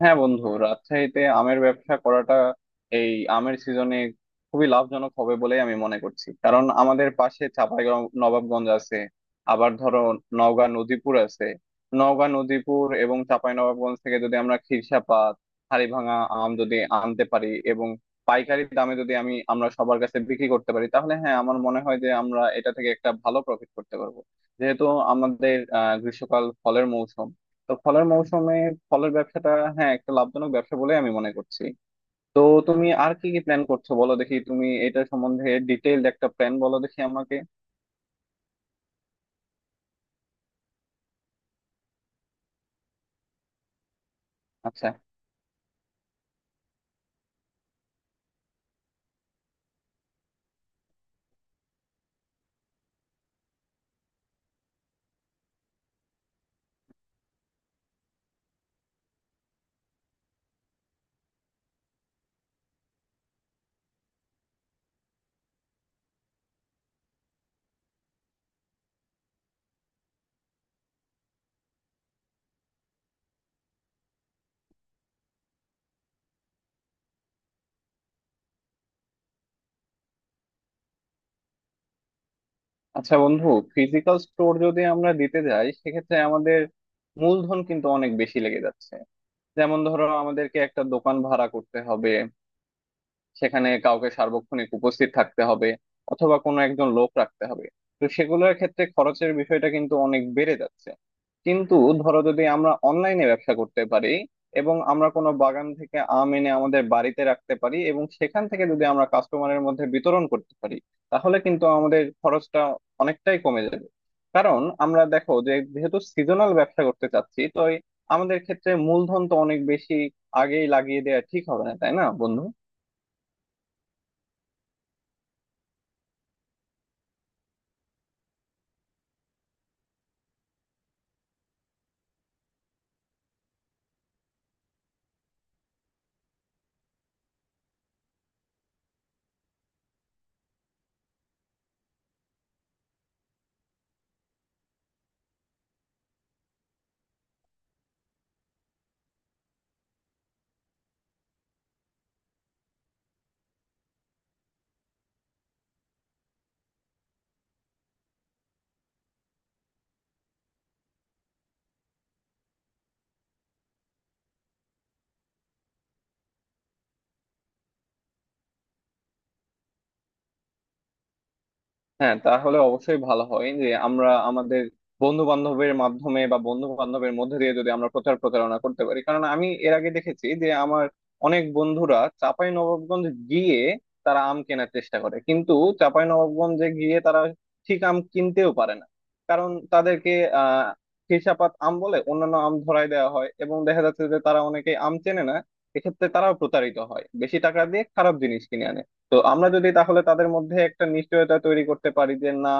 হ্যাঁ বন্ধু, রাজশাহীতে আমের ব্যবসা করাটা এই আমের সিজনে খুবই লাভজনক হবে বলেই আমি মনে করছি। কারণ আমাদের পাশে চাঁপাই নবাবগঞ্জ আছে। আবার ধরো, নওগাঁ নদীপুর আছে। নওগাঁ নদীপুর এবং চাঁপাই নবাবগঞ্জ থেকে যদি আমরা খিরসাপাত হাড়িভাঙা আম যদি আনতে পারি এবং পাইকারি দামে যদি আমরা সবার কাছে বিক্রি করতে পারি, তাহলে হ্যাঁ আমার মনে হয় যে আমরা এটা থেকে একটা ভালো প্রফিট করতে পারবো। যেহেতু আমাদের গ্রীষ্মকাল ফলের মৌসুম, তো ফলের মৌসুমে ফলের ব্যবসাটা হ্যাঁ একটা লাভজনক ব্যবসা বলে আমি মনে করছি। তো তুমি আর কি কি প্ল্যান করছো বলো দেখি, তুমি এটা সম্বন্ধে ডিটেইলড একটা প্ল্যান বলো দেখি আমাকে। আচ্ছা। আচ্ছা বন্ধু, ফিজিক্যাল স্টোর যদি আমরা দিতে যাই সেক্ষেত্রে আমাদের মূলধন কিন্তু অনেক বেশি লেগে যাচ্ছে। যেমন ধরো, আমাদেরকে একটা দোকান ভাড়া করতে হবে, সেখানে কাউকে সার্বক্ষণিক উপস্থিত থাকতে হবে অথবা কোনো একজন লোক রাখতে হবে। তো সেগুলোর ক্ষেত্রে খরচের বিষয়টা কিন্তু অনেক বেড়ে যাচ্ছে। কিন্তু ধরো, যদি আমরা অনলাইনে ব্যবসা করতে পারি এবং আমরা কোনো বাগান থেকে আম এনে আমাদের বাড়িতে রাখতে পারি এবং সেখান থেকে যদি আমরা কাস্টমারের মধ্যে বিতরণ করতে পারি, তাহলে কিন্তু আমাদের খরচটা অনেকটাই কমে যাবে। কারণ আমরা দেখো যে, যেহেতু সিজনাল ব্যবসা করতে চাচ্ছি, তো এই আমাদের ক্ষেত্রে মূলধন তো অনেক বেশি আগেই লাগিয়ে দেওয়া ঠিক হবে না, তাই না বন্ধু? হ্যাঁ, তাহলে অবশ্যই ভালো হয় যে আমরা আমাদের বন্ধু বান্ধবের মাধ্যমে বা বন্ধু বান্ধবের মধ্যে দিয়ে যদি আমরা প্রচার প্রচারণা করতে পারি। কারণ আমি এর আগে দেখেছি যে আমার অনেক বন্ধুরা চাঁপাই নবাবগঞ্জ গিয়ে তারা আম কেনার চেষ্টা করে, কিন্তু চাঁপাই নবাবগঞ্জে গিয়ে তারা ঠিক আম কিনতেও পারে না। কারণ তাদেরকে আহ খেসাপাত আম বলে অন্যান্য আম ধরায় দেওয়া হয় এবং দেখা যাচ্ছে যে তারা অনেকে আম চেনে না। এক্ষেত্রে তারাও প্রতারিত হয়, বেশি টাকা দিয়ে খারাপ জিনিস কিনে আনে। তো আমরা যদি তাহলে তাদের মধ্যে একটা নিশ্চয়তা তৈরি করতে পারি যে না,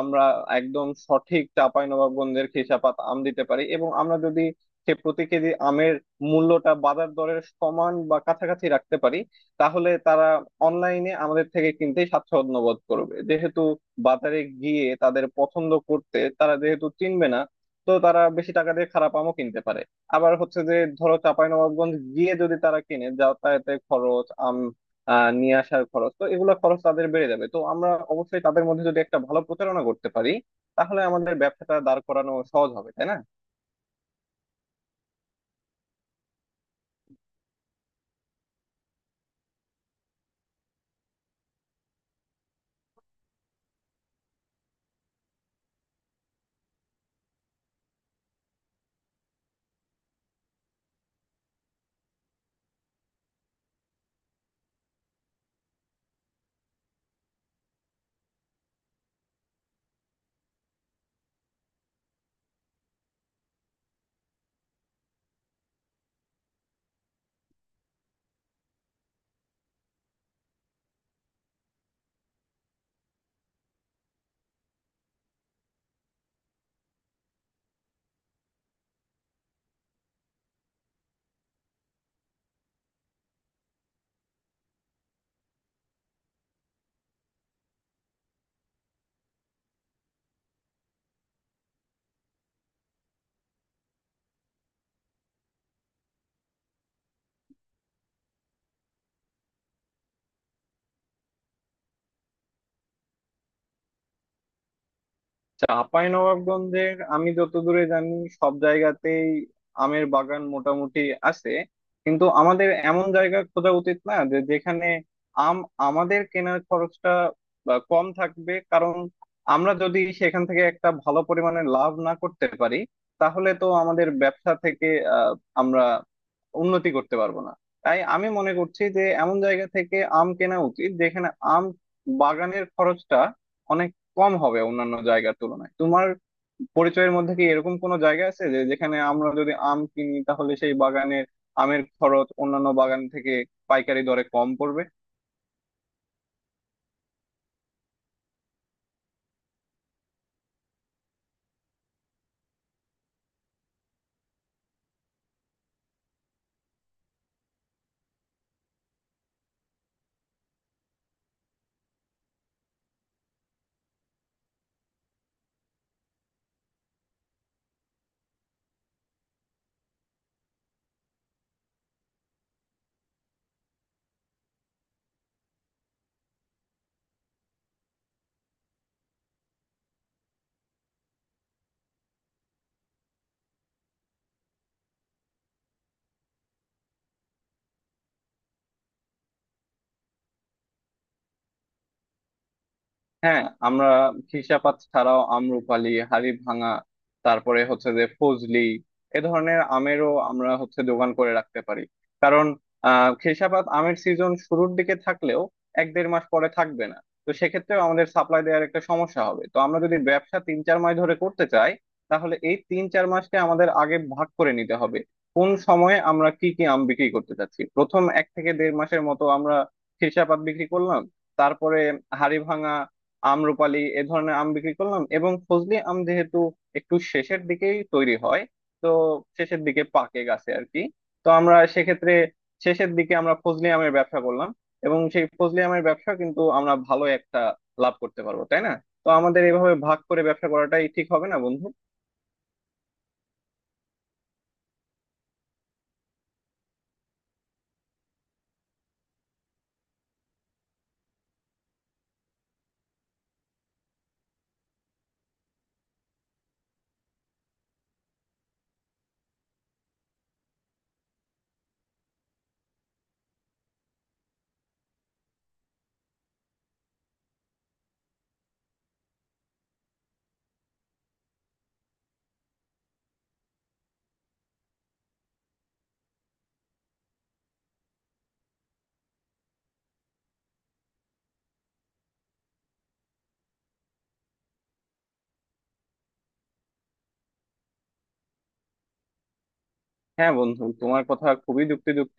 আমরা একদম সঠিক চাঁপাইনবাবগঞ্জের খেসাপাত আম দিতে পারি এবং আমরা যদি সে প্রতি কেজি আমের মূল্যটা বাজার দরের সমান বা কাছাকাছি রাখতে পারি, তাহলে তারা অনলাইনে আমাদের থেকে কিনতে স্বাচ্ছন্দ্য বোধ করবে। যেহেতু বাজারে গিয়ে তাদের পছন্দ করতে তারা যেহেতু চিনবে না, তো তারা বেশি টাকা দিয়ে খারাপ আমও কিনতে পারে। আবার হচ্ছে যে, ধরো, চাঁপাইনবাবগঞ্জ গিয়ে যদি তারা কিনে, যাতায়াতের খরচ, নিয়ে আসার খরচ, তো এগুলো খরচ তাদের বেড়ে যাবে। তো আমরা অবশ্যই তাদের মধ্যে যদি একটা ভালো প্রচারণা করতে পারি তাহলে আমাদের ব্যবসাটা দাঁড় করানো সহজ হবে, তাই না? চাঁপাইনবাবগঞ্জের আমি যতদূরে জানি সব জায়গাতেই আমের বাগান মোটামুটি আছে। কিন্তু আমাদের এমন জায়গা খোঁজা উচিত না যে যেখানে আম আমাদের কেনার খরচটা বা কম থাকবে। কারণ আমরা যদি সেখান থেকে একটা ভালো পরিমাণে লাভ না করতে পারি, তাহলে তো আমাদের ব্যবসা থেকে আহ, আমরা উন্নতি করতে পারবো না। তাই আমি মনে করছি যে এমন জায়গা থেকে আম কেনা উচিত যেখানে আম বাগানের খরচটা অনেক কম হবে অন্যান্য জায়গার তুলনায়। তোমার পরিচয়ের মধ্যে কি এরকম কোনো জায়গা আছে যে যেখানে আমরা যদি আম কিনি তাহলে সেই বাগানের আমের খরচ অন্যান্য বাগান থেকে পাইকারি দরে কম পড়বে? হ্যাঁ, আমরা খিসাপাত ছাড়াও আম্রপালি, হাড়ি ভাঙা, তারপরে হচ্ছে যে ফজলি, এ ধরনের আমেরও আমরা হচ্ছে দোকান করে রাখতে পারি। কারণ খিসাপাত আমের সিজন শুরুর দিকে থাকলেও এক দেড় মাস পরে থাকবে না। তো সেক্ষেত্রেও আমাদের সাপ্লাই দেওয়ার একটা সমস্যা হবে। তো আমরা যদি ব্যবসা তিন চার মাস ধরে করতে চাই, তাহলে এই তিন চার মাসকে আমাদের আগে ভাগ করে নিতে হবে। কোন সময়ে আমরা কি কি আম বিক্রি করতে চাচ্ছি, প্রথম এক থেকে দেড় মাসের মতো আমরা খিসাপাত বিক্রি করলাম, তারপরে হাড়ি ভাঙা, আম রুপালি এ ধরনের আম বিক্রি করলাম, এবং ফজলি আম যেহেতু একটু শেষের দিকেই তৈরি হয়, তো শেষের দিকে পাকে গাছে আর কি। তো আমরা সেক্ষেত্রে শেষের দিকে আমরা ফজলি আমের ব্যবসা করলাম, এবং সেই ফজলি আমের ব্যবসা কিন্তু আমরা ভালো একটা লাভ করতে পারবো, তাই না? তো আমাদের এভাবে ভাগ করে ব্যবসা করাটাই ঠিক হবে না বন্ধু? হ্যাঁ বন্ধু, তোমার কথা খুবই যুক্তিযুক্ত।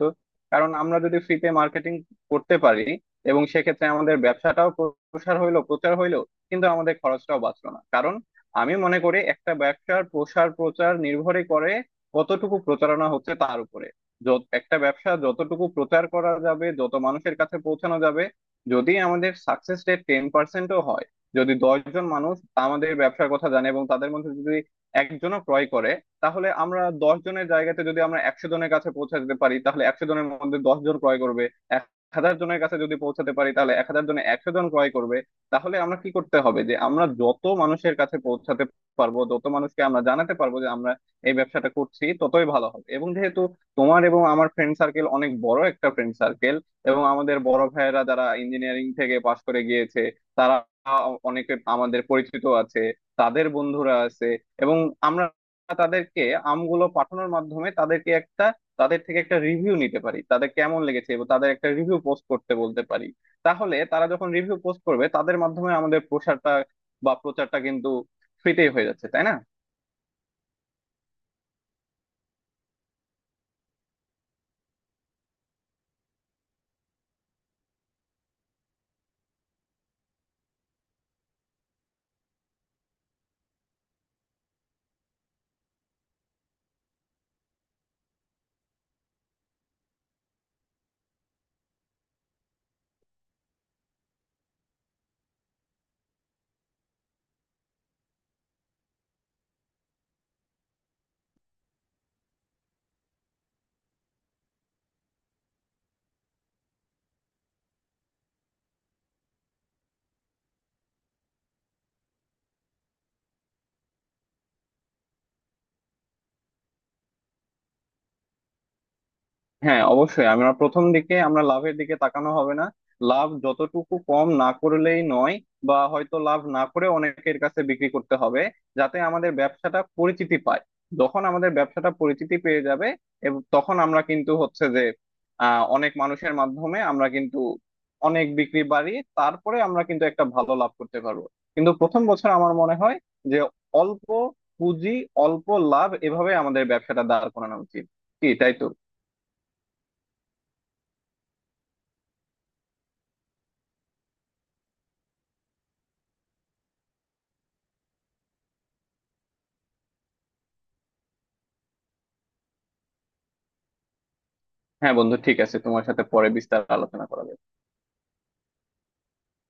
কারণ আমরা যদি ফ্রিতে মার্কেটিং করতে পারি এবং সেক্ষেত্রে আমাদের ব্যবসাটাও প্রসার হইলো, প্রচার হইলো, কিন্তু আমাদের খরচটাও বাঁচলো না। কারণ আমি মনে করি একটা ব্যবসার প্রসার প্রচার নির্ভরই করে কতটুকু প্রচারণা হচ্ছে তার উপরে। যত একটা ব্যবসা যতটুকু প্রচার করা যাবে, যত মানুষের কাছে পৌঁছানো যাবে, যদি আমাদের সাকসেস রেট 10%ও হয়, যদি 10 জন মানুষ আমাদের ব্যবসার কথা জানে এবং তাদের মধ্যে যদি একজনও ক্রয় করে, তাহলে আমরা 10 জনের জায়গাতে যদি আমরা 100 জনের কাছে পৌঁছে যেতে পারি, তাহলে 100 জনের মধ্যে 10 জন ক্রয় করবে। 1,000 জনের কাছে যদি পৌঁছাতে পারি তাহলে 1,000 জনে 100 জন ক্রয় করবে। তাহলে আমরা কি করতে হবে যে আমরা যত মানুষের কাছে পৌঁছাতে পারবো, যত মানুষকে আমরা জানাতে পারবো যে আমরা এই ব্যবসাটা করছি, ততই ভালো হবে। এবং যেহেতু তোমার এবং আমার ফ্রেন্ড সার্কেল অনেক বড় একটা ফ্রেন্ড সার্কেল, এবং আমাদের বড় ভাইয়েরা যারা ইঞ্জিনিয়ারিং থেকে পাশ করে গিয়েছে, তারা অনেকে আমাদের পরিচিত আছে, তাদের বন্ধুরা আছে। এবং আমরা তাদেরকে আমগুলো পাঠানোর মাধ্যমে তাদেরকে একটা, তাদের থেকে একটা রিভিউ নিতে পারি, তাদের কেমন লেগেছে, এবং তাদের একটা রিভিউ পোস্ট করতে বলতে পারি। তাহলে তারা যখন রিভিউ পোস্ট করবে, তাদের মাধ্যমে আমাদের প্রসারটা বা প্রচারটা কিন্তু ফ্রিতেই হয়ে যাচ্ছে, তাই না? হ্যাঁ অবশ্যই, আমরা প্রথম দিকে আমরা লাভের দিকে তাকানো হবে না। লাভ যতটুকু কম না করলেই নয়, বা হয়তো লাভ না করে অনেকের কাছে বিক্রি করতে হবে, যাতে আমাদের ব্যবসাটা পরিচিতি পায়। যখন আমাদের ব্যবসাটা পরিচিতি পেয়ে যাবে, এবং তখন আমরা কিন্তু হচ্ছে যে অনেক মানুষের মাধ্যমে আমরা কিন্তু অনেক বিক্রি বাড়িয়ে তারপরে আমরা কিন্তু একটা ভালো লাভ করতে পারবো। কিন্তু প্রথম বছর আমার মনে হয় যে অল্প পুঁজি, অল্প লাভ, এভাবে আমাদের ব্যবসাটা দাঁড় করানো উচিত। কি তাই তো? হ্যাঁ বন্ধু ঠিক আছে, তোমার সাথে পরে বিস্তার আলোচনা করা যাবে।